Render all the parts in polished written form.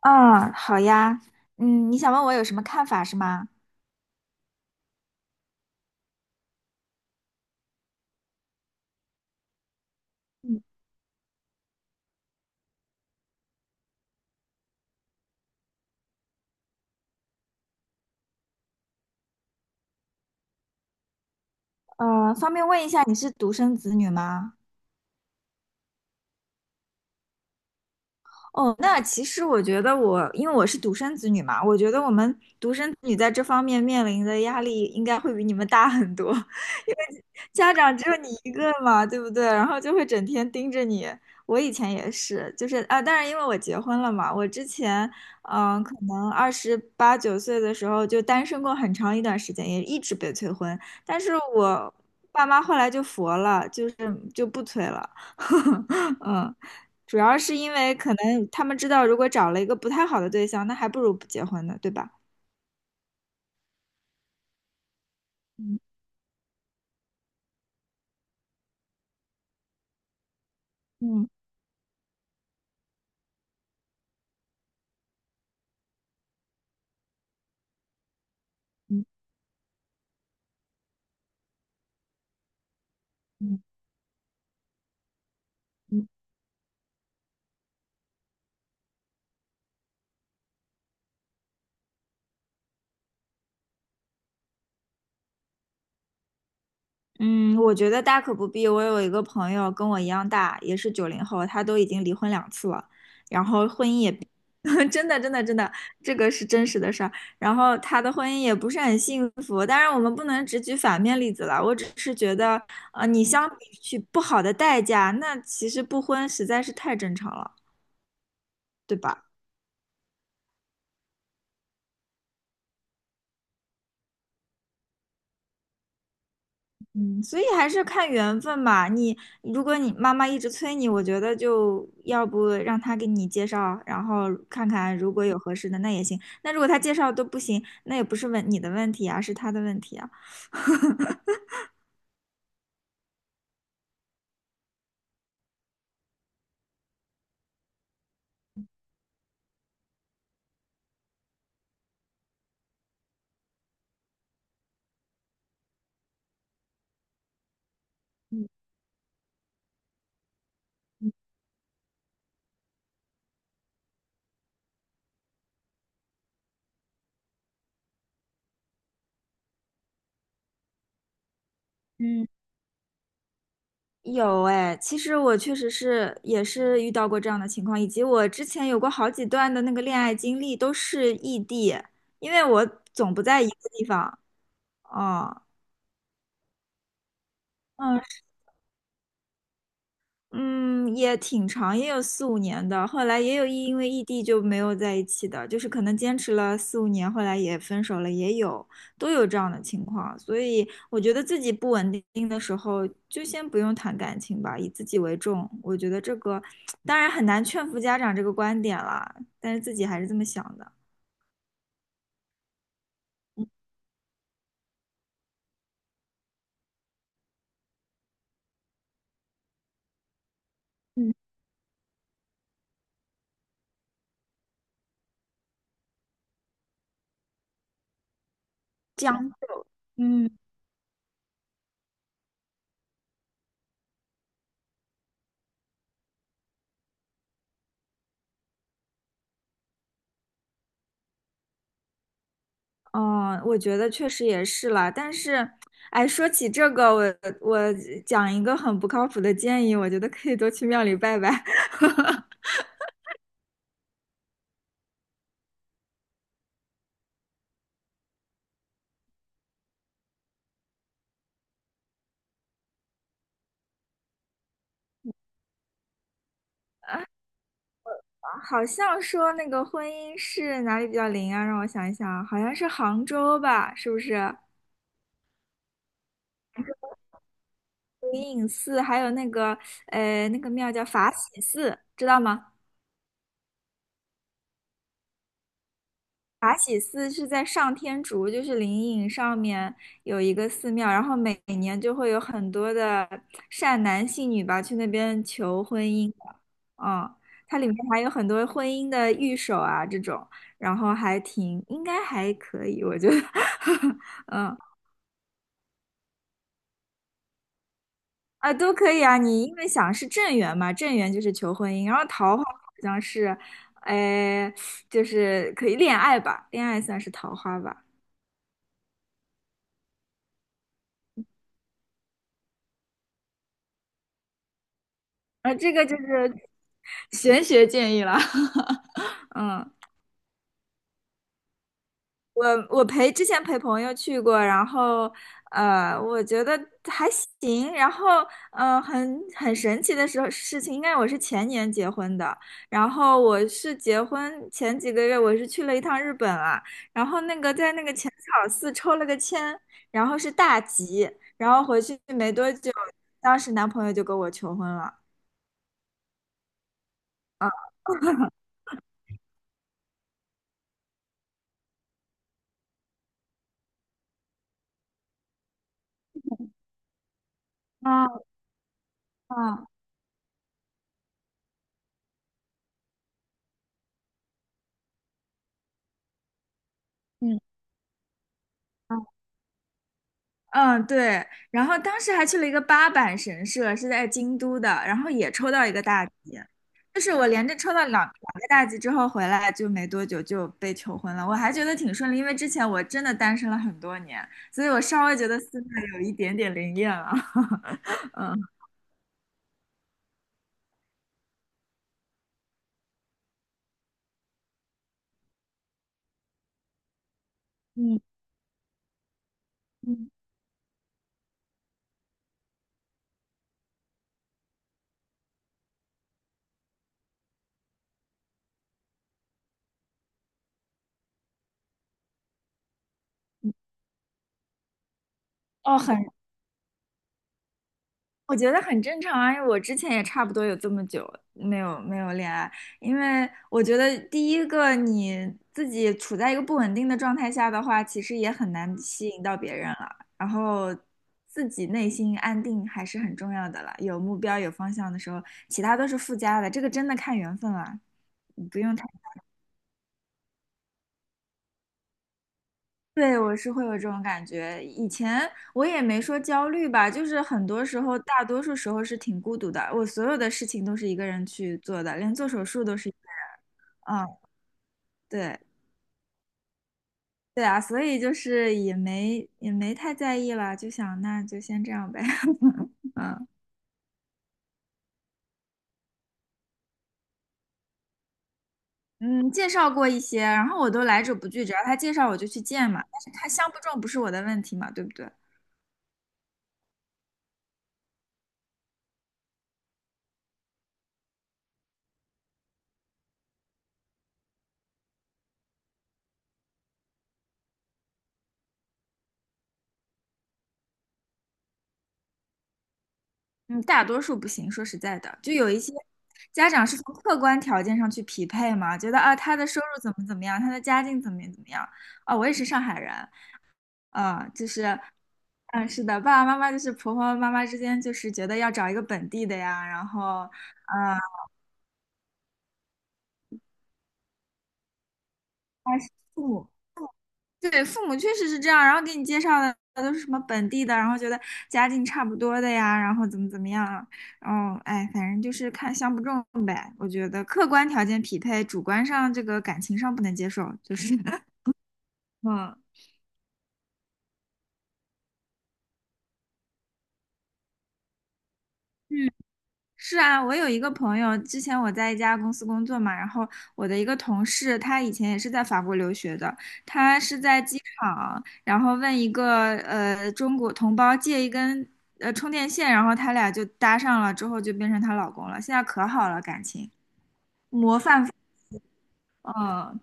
嗯，好呀，你想问我有什么看法是吗？嗯方便问一下你是独生子女吗？哦，那其实我觉得我，因为我是独生子女嘛，我觉得我们独生子女在这方面面临的压力应该会比你们大很多。因为家长只有你一个嘛，对不对？然后就会整天盯着你。我以前也是，就是啊，当然因为我结婚了嘛，我之前可能二十八九岁的时候就单身过很长一段时间，也一直被催婚。但是我爸妈后来就佛了，就是就不催了。嗯，主要是因为可能他们知道，如果找了一个不太好的对象，那还不如不结婚呢，对吧？嗯嗯嗯嗯。嗯嗯，我觉得大可不必。我有一个朋友跟我一样大，也是90后，他都已经离婚2次了，然后婚姻也，真的真的真的，这个是真实的事儿。然后他的婚姻也不是很幸福。当然，我们不能只举反面例子了。我只是觉得，你相比去不好的代价，那其实不婚实在是太正常了，对吧？嗯，所以还是看缘分吧。你如果你妈妈一直催你，我觉得就要不让她给你介绍，然后看看如果有合适的那也行。那如果她介绍都不行，那也不是问你的问题啊，是她的问题啊。嗯嗯，嗯，有哎，其实我确实是也是遇到过这样的情况，以及我之前有过好几段的那个恋爱经历都是异地，因为我总不在一个地方。哦，嗯，也挺长，也有四五年的。后来也有因为异地就没有在一起的，就是可能坚持了四五年，后来也分手了，也有，都有这样的情况。所以我觉得自己不稳定的时候，就先不用谈感情吧，以自己为重。我觉得这个当然很难劝服家长这个观点啦，但是自己还是这么想的。嗯，将就，哦，我觉得确实也是啦。但是，哎，说起这个，我我讲一个很不靠谱的建议，我觉得可以多去庙里拜拜。好像说那个婚姻是哪里比较灵啊？让我想一想啊，好像是杭州吧，是不是？灵隐寺，还有那个那个庙叫法喜寺，知道吗？法喜寺是在上天竺，就是灵隐上面有一个寺庙，然后每年就会有很多的善男信女吧去那边求婚姻的。嗯，它里面还有很多婚姻的御守啊这种，然后还挺应该还可以，我觉得。嗯啊都可以啊，你因为想是正缘嘛，正缘就是求婚姻，然后桃花好像是，哎，就是可以恋爱吧，恋爱算是桃花吧。啊，这个就是玄学建议了。嗯，我之前陪朋友去过，然后我觉得还行。然后很神奇的时候事情，应该我是前年结婚的。然后我是结婚前几个月，我是去了一趟日本啊。然后那个在那个浅草寺抽了个签，然后是大吉。然后回去没多久，当时男朋友就跟我求婚了。啊啊，嗯。嗯，对，然后当时还去了一个八坂神社，是在京都的，然后也抽到一个大吉，就是我连着抽到两个大吉之后回来就没多久就被求婚了，我还觉得挺顺利，因为之前我真的单身了很多年，所以我稍微觉得寺庙有一点点灵验了。嗯嗯嗯，哦，我觉得很正常啊，因为我之前也差不多有这么久没有恋爱，因为我觉得第一个你自己处在一个不稳定的状态下的话，其实也很难吸引到别人了。然后自己内心安定还是很重要的了，有目标有方向的时候，其他都是附加的，这个真的看缘分了，不用太。对，我是会有这种感觉。以前我也没说焦虑吧，就是很多时候，大多数时候是挺孤独的。我所有的事情都是一个人去做的，连做手术都是一个人。嗯，对，对啊，所以就是也没也没太在意了，就想那就先这样呗。嗯嗯，介绍过一些，然后我都来者不拒，只要他介绍我就去见嘛。但是他相不中不是我的问题嘛，对不对？嗯，大多数不行。说实在的，就有一些家长是从客观条件上去匹配嘛，觉得啊，他的收入怎么怎么样，他的家境怎么怎么样啊。我也是上海人，啊，就是，嗯，是的，爸爸妈妈就是婆婆妈妈之间就是觉得要找一个本地的呀，然后，啊，但是父母对，父母确实是这样，然后给你介绍的都是什么本地的，然后觉得家境差不多的呀，然后怎么怎么样啊，然后哎，反正就是看相不中呗。我觉得客观条件匹配，主观上这个感情上不能接受，就是 嗯。是啊，我有一个朋友，之前我在一家公司工作嘛，然后我的一个同事，他以前也是在法国留学的，他是在机场，然后问一个中国同胞借一根充电线，然后他俩就搭上了，之后就变成她老公了，现在可好了感情，模范夫，嗯，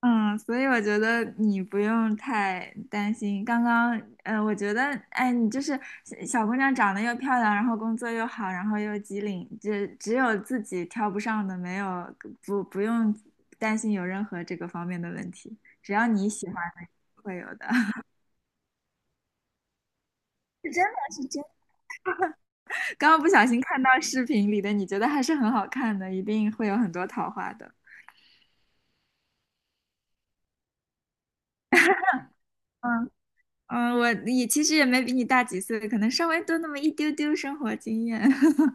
嗯，所以我觉得你不用太担心。刚刚，我觉得，哎，你就是小姑娘长得又漂亮，然后工作又好，然后又机灵，只有自己挑不上的，没有不用担心有任何这个方面的问题。只要你喜欢的，会有的。是真的是真的。刚刚不小心看到视频里的，你觉得还是很好看的，一定会有很多桃花的。嗯嗯，我也其实也没比你大几岁，可能稍微多那么一丢丢生活经验。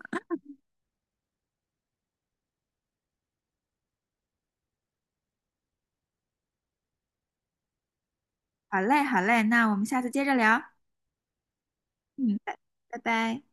好嘞，好嘞，那我们下次接着聊。嗯，拜拜拜